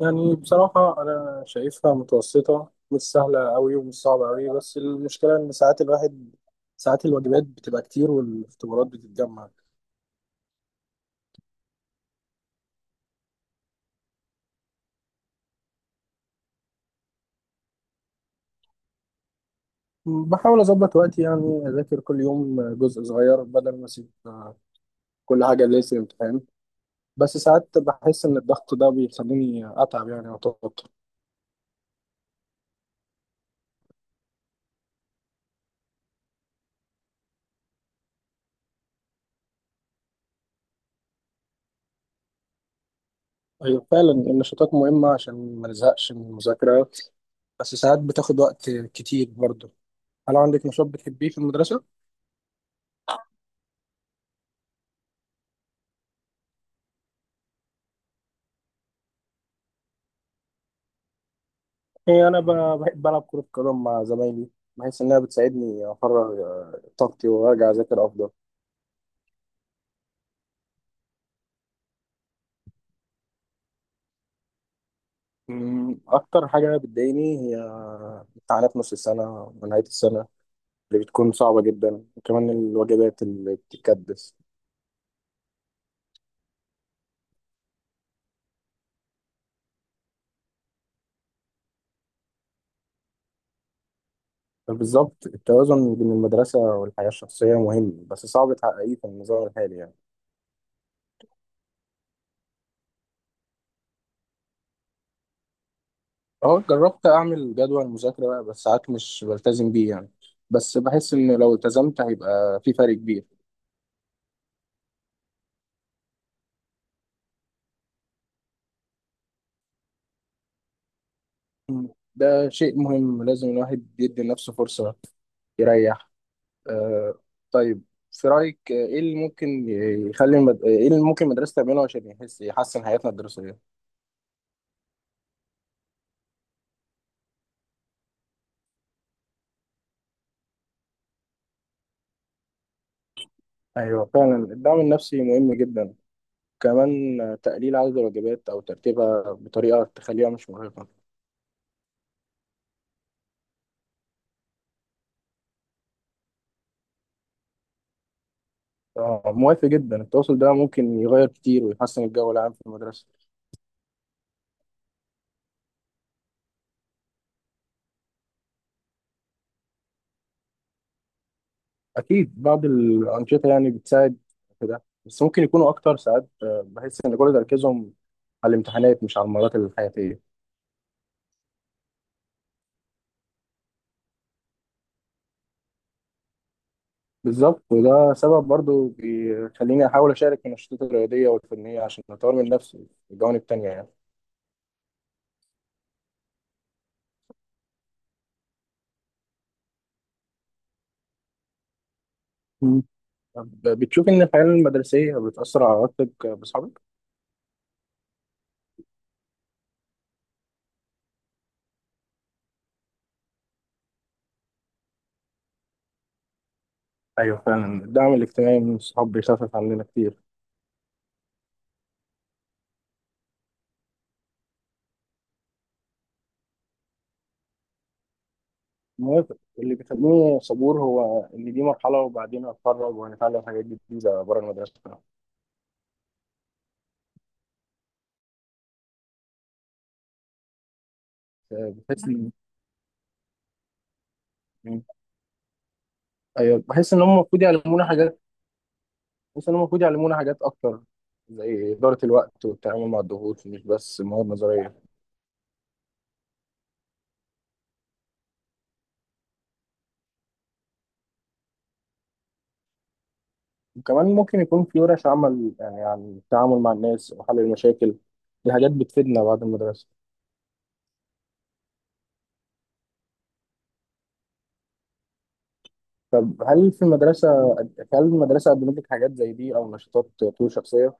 يعني بصراحة أنا شايفها متوسطة، مش سهلة أوي ومش صعبة أوي، بس المشكلة إن ساعات الواجبات بتبقى كتير والاختبارات بتتجمع. بحاول أظبط وقتي، يعني أذاكر كل يوم جزء صغير بدل ما أسيب كل حاجة ليلة الامتحان. بس ساعات بحس إن الضغط ده بيخليني أتعب، يعني أو أتوتر. أيوة فعلا النشاطات مهمة عشان ما نزهقش من المذاكرة، بس ساعات بتاخد وقت كتير برضه. هل عندك نشاط بتحبيه في المدرسة؟ هي أنا بحب ألعب كرة قدم مع زمايلي، بحيث إنها بتساعدني أفرغ طاقتي وأرجع أذاكر أفضل. أكتر حاجة بتضايقني هي امتحانات نص السنة ونهاية السنة، اللي بتكون صعبة جدا، وكمان الواجبات اللي بتتكدس. فبالظبط، التوازن بين المدرسة والحياة الشخصية مهم بس صعب تحققيه في النظام الحالي، يعني أه جربت أعمل جدول مذاكرة بقى، بس ساعات مش بلتزم بيه يعني. بس بحس إن لو التزمت هيبقى في فرق كبير. مم. ده شيء مهم، لازم الواحد يدي لنفسه فرصة يريح. آه، طيب، في رأيك ايه اللي ممكن ايه اللي ممكن المدرسة تعمله عشان يحسن حياتنا الدراسية؟ ايوه فعلا الدعم النفسي مهم جدا، كمان تقليل عدد الواجبات او ترتيبها بطريقة تخليها مش مرهقة. آه، موافق جدا، التواصل ده ممكن يغير كتير ويحسن الجو العام في المدرسة. اكيد بعض الأنشطة يعني بتساعد في ده، بس ممكن يكونوا اكتر، ساعات بحس ان كل تركيزهم على الامتحانات مش على المهارات الحياتية. بالظبط، وده سبب برضو بيخليني أحاول أشارك في النشاطات الرياضية والفنية عشان أطور من نفسي في الجوانب التانية، يعني. مم. طب بتشوف إن الحياة المدرسية بتأثر على علاقتك بأصحابك؟ أيوه فعلا الدعم الاجتماعي من الصحاب بيخفف عننا كتير. موافق، اللي بيخليني صبور هو إن دي مرحلة، وبعدين هتخرج وهنتعلم حاجات جديدة بره المدرسة. بحس إن أيوه، بحس إن هم المفروض يعلمونا حاجات. بس أنا المفروض يعلمونا حاجات أكتر، زي إدارة الوقت والتعامل مع الضغوط، مش بس مواد نظرية. وكمان ممكن يكون في ورش عمل، يعني عن التعامل مع الناس وحل المشاكل، دي حاجات بتفيدنا بعد المدرسة. طب هل في المدرسة هل المدرسة قدمت لك حاجات زي دي أو نشاطات تطوير شخصية؟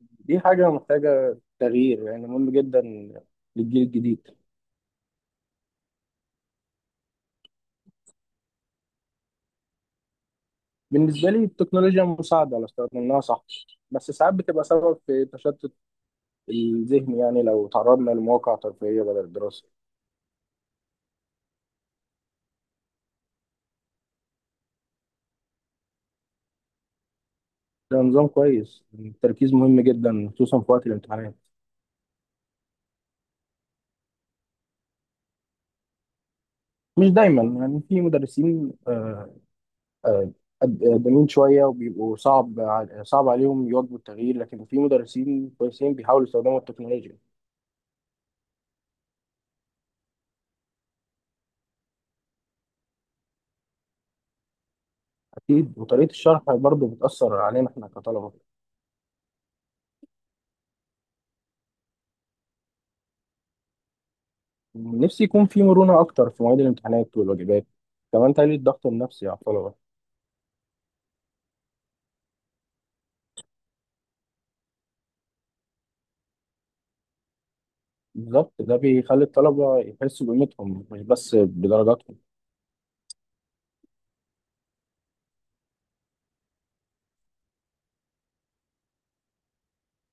دي حاجة محتاجة تغيير، يعني مهم جدا للجيل الجديد. بالنسبة لي التكنولوجيا مساعدة لو استخدمناها صح، بس ساعات بتبقى سبب في تشتت الذهن، يعني لو تعرضنا لمواقع ترفيهية بدل الدراسة. ده نظام كويس، التركيز مهم جدا خصوصا في وقت الامتحانات. مش دايما، يعني في مدرسين آه، قدامين شوية وبيبقوا صعب صعب عليهم يواكبوا التغيير، لكن في مدرسين كويسين بيحاولوا يستخدموا التكنولوجيا. أكيد، وطريقة الشرح برضه بتأثر علينا إحنا كطلبة. نفسي يكون في مرونة أكتر في مواعيد الامتحانات والواجبات، كمان تقليل الضغط النفسي على الطلبة. بالظبط، ده بيخلي الطلبة يحسوا بقيمتهم مش بس بدرجاتهم.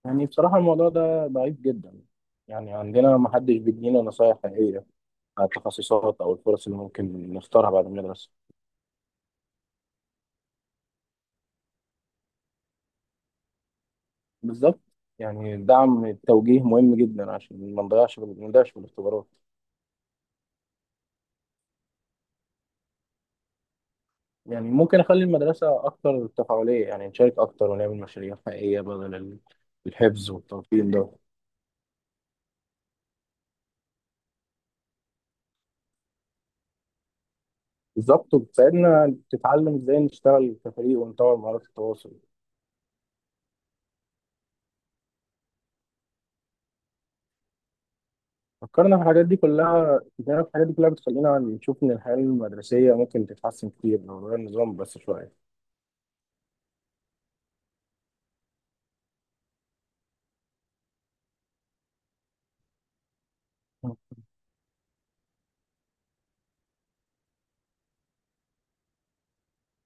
يعني بصراحة الموضوع ده ضعيف جدا، يعني عندنا ما حدش بيدينا نصايح حقيقية على التخصصات أو الفرص اللي ممكن نختارها بعد المدرسة. بالظبط. يعني دعم التوجيه مهم جدا عشان ما نضيعش في الاختبارات. يعني ممكن أخلي المدرسة أكتر تفاعلية، يعني نشارك أكتر ونعمل مشاريع حقيقية بدل الحفظ والتلقين ده. بالظبط، وبتساعدنا تتعلم إزاي نشتغل كفريق ونطور مهارات التواصل. فكرنا في الحاجات دي كلها بتخلينا نشوف إن الحياة المدرسية ممكن تتحسن كتير لو غير النظام بس شوية.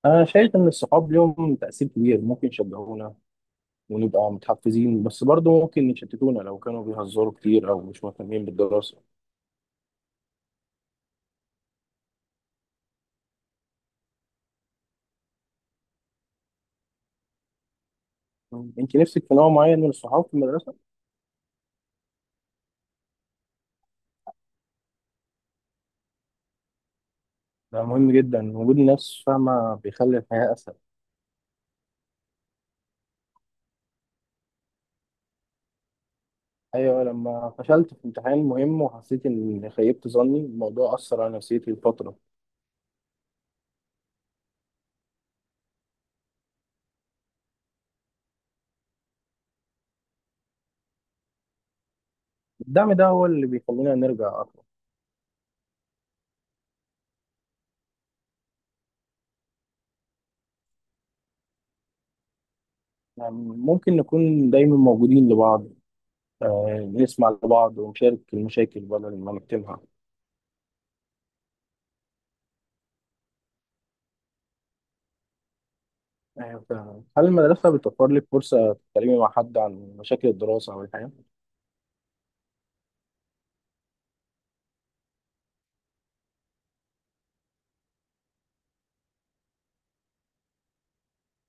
أنا شايف إن الصحاب ليهم تأثير كبير، ممكن يشجعونا ونبقى متحفزين، بس برضه ممكن يشتتونا لو كانوا بيهزروا كتير أو مش مهتمين بالدراسة. أنت نفسك في نوع معين من الصحاب في المدرسة؟ ده مهم جدا، وجود ناس فاهمة بيخلي الحياة أسهل. أيوة، لما فشلت في امتحان مهم وحسيت إني خيبت ظني، الموضوع أثر على نفسيتي لفترة. الدعم ده هو اللي بيخلينا نرجع أكتر. ممكن نكون دايما موجودين لبعض، بنسمع لبعض ونشارك المشاكل بدل ما نكتمها. آه، ف- هل المدرسة بتوفر لك فرصة تتكلمي مع حد عن مشاكل الدراسة أو الحياة؟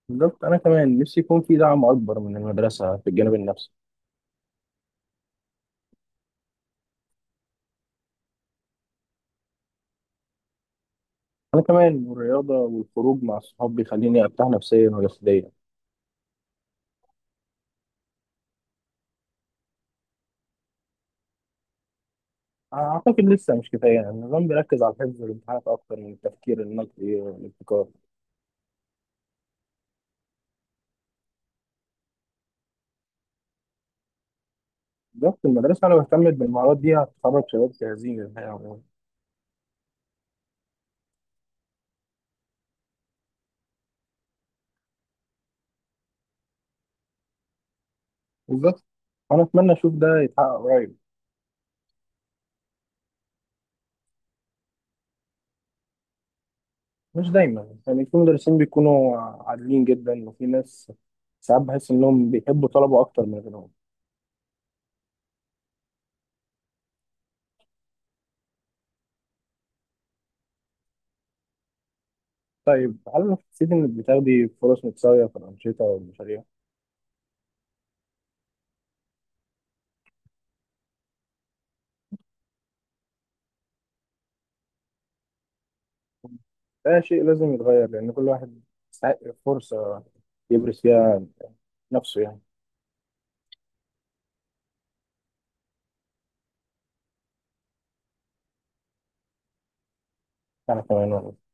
بالظبط، أنا كمان نفسي يكون في دعم أكبر من المدرسة في الجانب النفسي. أنا كمان، والرياضة والخروج مع الصحاب بيخليني أرتاح نفسيا وجسديا. أعتقد لسه مش كفاية، يعني النظام بيركز على الحفظ والامتحانات أكتر من التفكير النقدي والابتكار. بالظبط، المدرسة لو اهتمت بالمهارات دي هتخرج شباب جاهزين للحياة. بالظبط، انا اتمنى اشوف ده يتحقق قريب. مش دايما، يعني في مدرسين بيكونوا عادلين جدا، وفي ناس ساعات بحس انهم بيحبوا طلبه اكتر من غيرهم. طيب، هل حسيت انك بتاخدي فرص متساويه في الانشطه والمشاريع؟ ده شيء لازم يتغير، لان كل واحد يستحق فرصه يبرز فيها نفسه يعني. انا كمان والله.